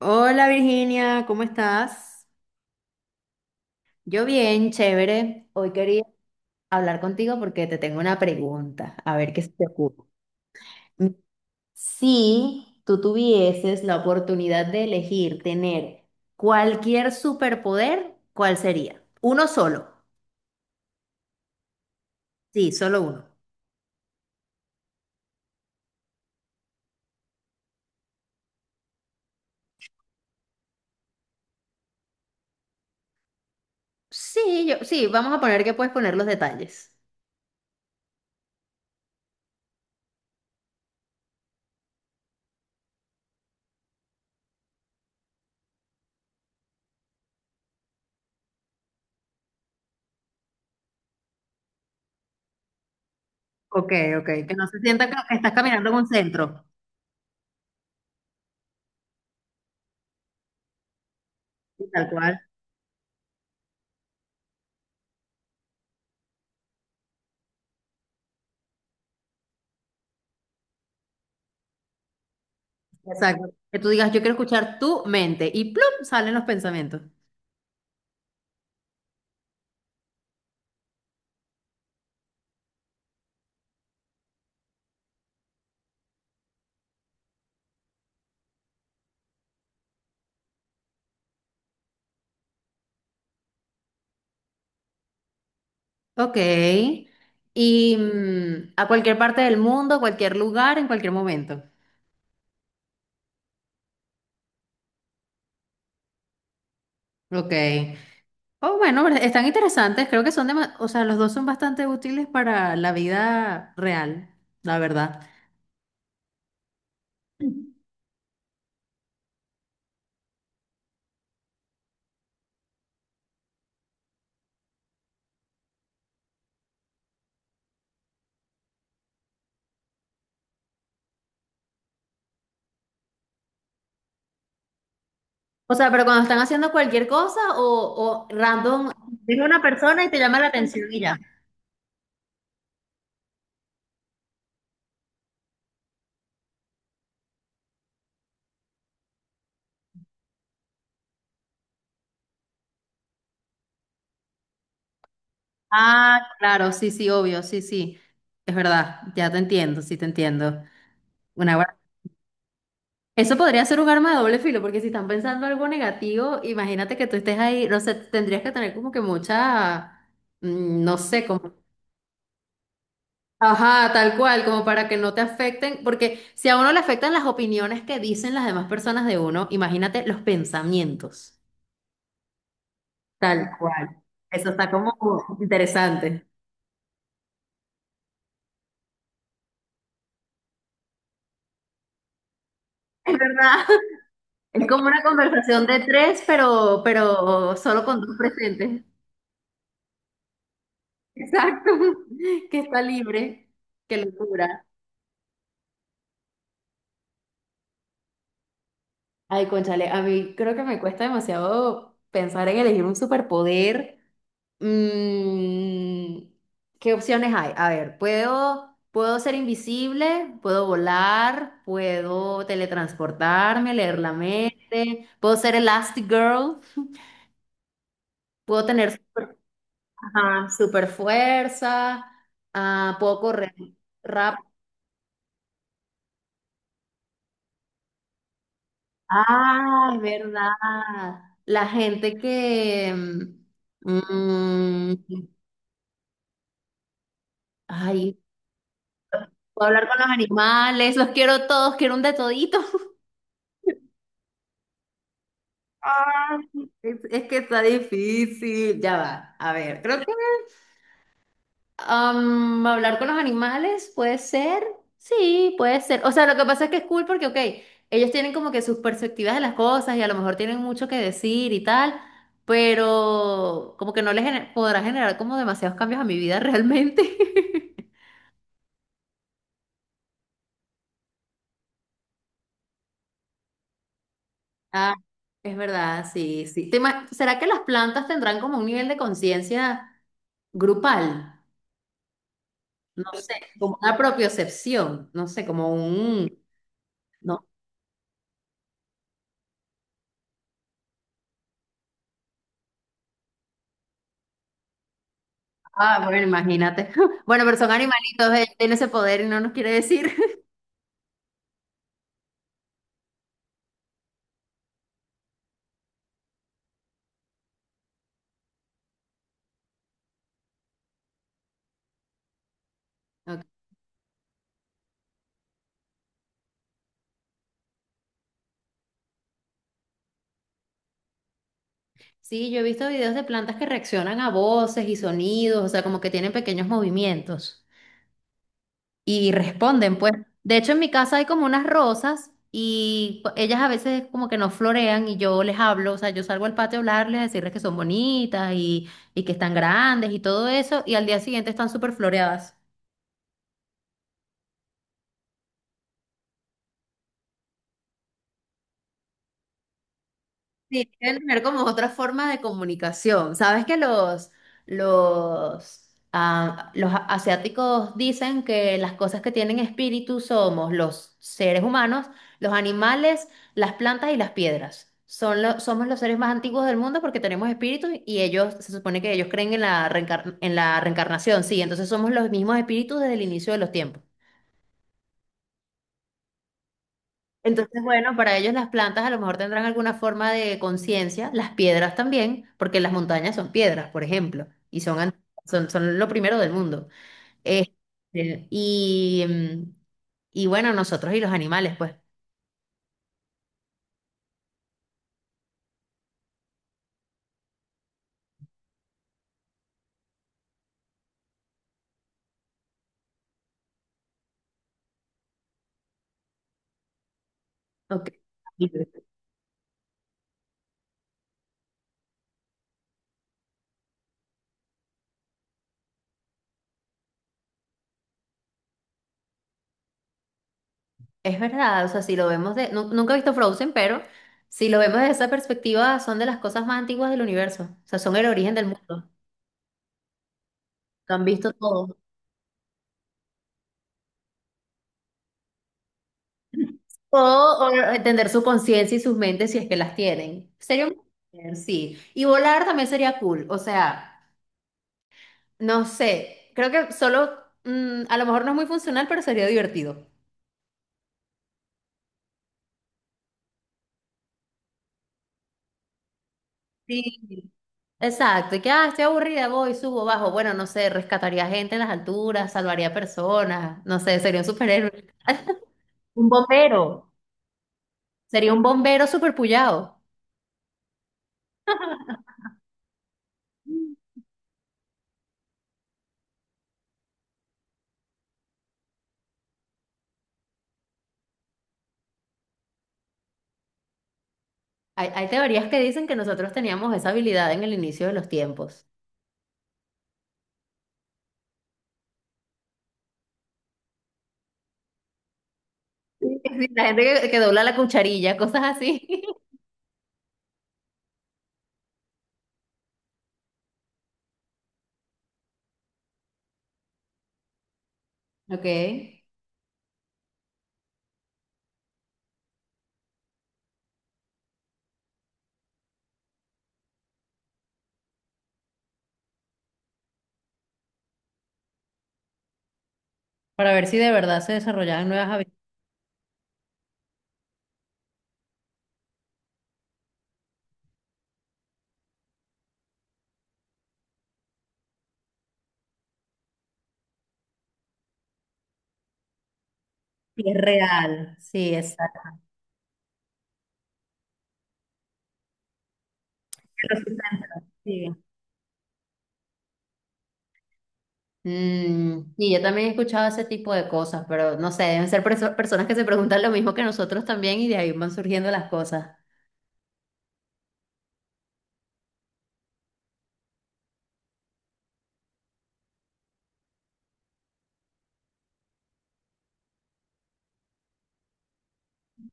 Hola Virginia, ¿cómo estás? Yo bien, chévere. Hoy quería hablar contigo porque te tengo una pregunta, a ver qué se te ocurre. Mm, Si tú tuvieses la oportunidad de elegir tener cualquier superpoder, ¿cuál sería? Uno solo. Sí, solo uno. Sí, vamos a poner que puedes poner los detalles. Ok, ok, que no se sienta que estás caminando en un centro. Sí, tal cual. Exacto. Que tú digas, yo quiero escuchar tu mente y plum, salen los pensamientos. Ok. Y a cualquier parte del mundo, cualquier lugar, en cualquier momento. Ok. Oh, bueno, pero están interesantes. Creo que son o sea, los dos son bastante útiles para la vida real, la verdad. O sea, pero cuando están haciendo cualquier cosa o random, ves una persona y te llama la atención y ya. Ah, claro, sí, sí, obvio, sí, sí. Es verdad, ya te entiendo, sí te entiendo. Una Eso podría ser un arma de doble filo, porque si están pensando algo negativo, imagínate que tú estés ahí, no sé, tendrías que tener como que mucha, no sé, como, ajá, tal cual, como para que no te afecten, porque si a uno le afectan las opiniones que dicen las demás personas de uno, imagínate los pensamientos. Tal cual. Eso está como interesante. Es verdad. Es como una conversación de tres, pero solo con dos presentes. Exacto. Que está libre. Qué locura. Ay, cónchale, a mí creo que me cuesta demasiado pensar en elegir un superpoder. Mm, ¿Qué opciones hay? A ver, puedo ser invisible, puedo volar, puedo teletransportarme, leer la mente, puedo ser Elastigirl, puedo tener super, ajá, super fuerza, ah, puedo correr rápido. Ah, es verdad. La gente que mm, ay, puedo hablar con los animales, los quiero todos, quiero un de todito. Ah, es que está difícil. Ya va. A ver, creo que hablar con los animales puede ser. Sí, puede ser. O sea, lo que pasa es que es cool porque, ok, ellos tienen como que sus perspectivas de las cosas y a lo mejor tienen mucho que decir y tal, pero como que no les podrá generar como demasiados cambios a mi vida realmente. Ah, es verdad, sí, sí. ¿Será que las plantas tendrán como un nivel de conciencia? Grupal, no sé, como una propiocepción, no sé, como un... No. Ah, bueno, imagínate. Bueno, pero son animalitos, ellos tienen ese poder y no nos quiere decir. Ok. Sí, yo he visto videos de plantas que reaccionan a voces y sonidos, o sea, como que tienen pequeños movimientos y responden, pues. De hecho, en mi casa hay como unas rosas y ellas a veces como que no florean y yo les hablo, o sea, yo salgo al patio a hablarles, a decirles que son bonitas y que están grandes y todo eso, y al día siguiente están súper floreadas. Sí, deben tener como otra forma de comunicación. Sabes que los asiáticos dicen que las cosas que tienen espíritu somos los seres humanos, los animales, las plantas y las piedras. Son somos los seres más antiguos del mundo porque tenemos espíritu y ellos, se supone que ellos creen en la en la reencarnación, sí, entonces somos los mismos espíritus desde el inicio de los tiempos. Entonces, bueno, para ellos las plantas a lo mejor tendrán alguna forma de conciencia, las piedras también, porque las montañas son piedras, por ejemplo, son, lo primero del mundo. Este, y, mm, y bueno, nosotros y los animales, pues. Ok. Es verdad, o sea, si lo vemos de... nunca he visto Frozen, pero si lo vemos desde esa perspectiva, son de las cosas más antiguas del universo, o sea, son el origen del mundo. Lo han visto todo. O entender su conciencia y sus mentes si es que las tienen. Sería un placer, sí. Y volar también sería cool. O sea, no sé. Creo que solo, a lo mejor no es muy funcional, pero sería divertido. Sí. Exacto. Y que, ah, estoy aburrida, voy, subo, bajo. Bueno, no sé, rescataría gente en las alturas, salvaría personas. No sé, sería un superhéroe. Un bombero. Sería un bombero superpullado. Hay teorías que dicen que nosotros teníamos esa habilidad en el inicio de los tiempos. Sí, sí, la gente que dobla la cucharilla, cosas así. Ok. Para ver si de verdad se desarrollaban nuevas habilidades. Sí, es real, sí, exacto. Pero sí está antiguo. Mm, y yo también he escuchado ese tipo de cosas, pero no sé, deben ser personas que se preguntan lo mismo que nosotros también y de ahí van surgiendo las cosas.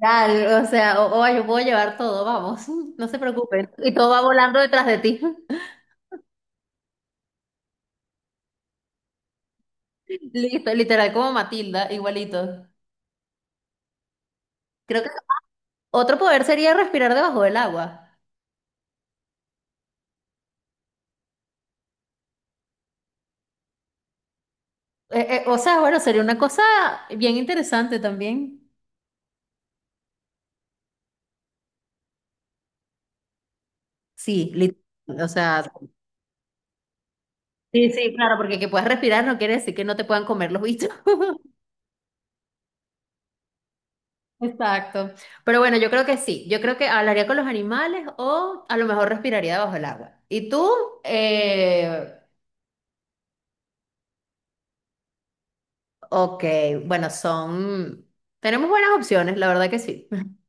Real, o sea, o yo puedo llevar todo, vamos, no se preocupen. Y todo va volando detrás de ti. Listo, literal como Matilda, igualito. Creo que otro poder sería respirar debajo del agua. O sea, bueno, sería una cosa bien interesante también. Sí, o sea, sí, sí, claro, porque que puedas respirar no quiere decir que no te puedan comer los bichos. Exacto. Pero bueno, yo creo que sí. Yo creo que hablaría con los animales o a lo mejor respiraría bajo el agua. ¿Y tú? Eh, ok, bueno, son... Tenemos buenas opciones, la verdad que sí.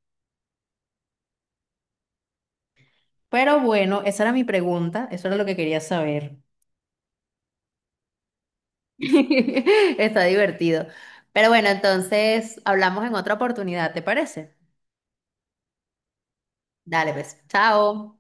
Pero bueno, esa era mi pregunta, eso era lo que quería saber. Está divertido. Pero bueno, entonces hablamos en otra oportunidad, ¿te parece? Dale, pues. Chao.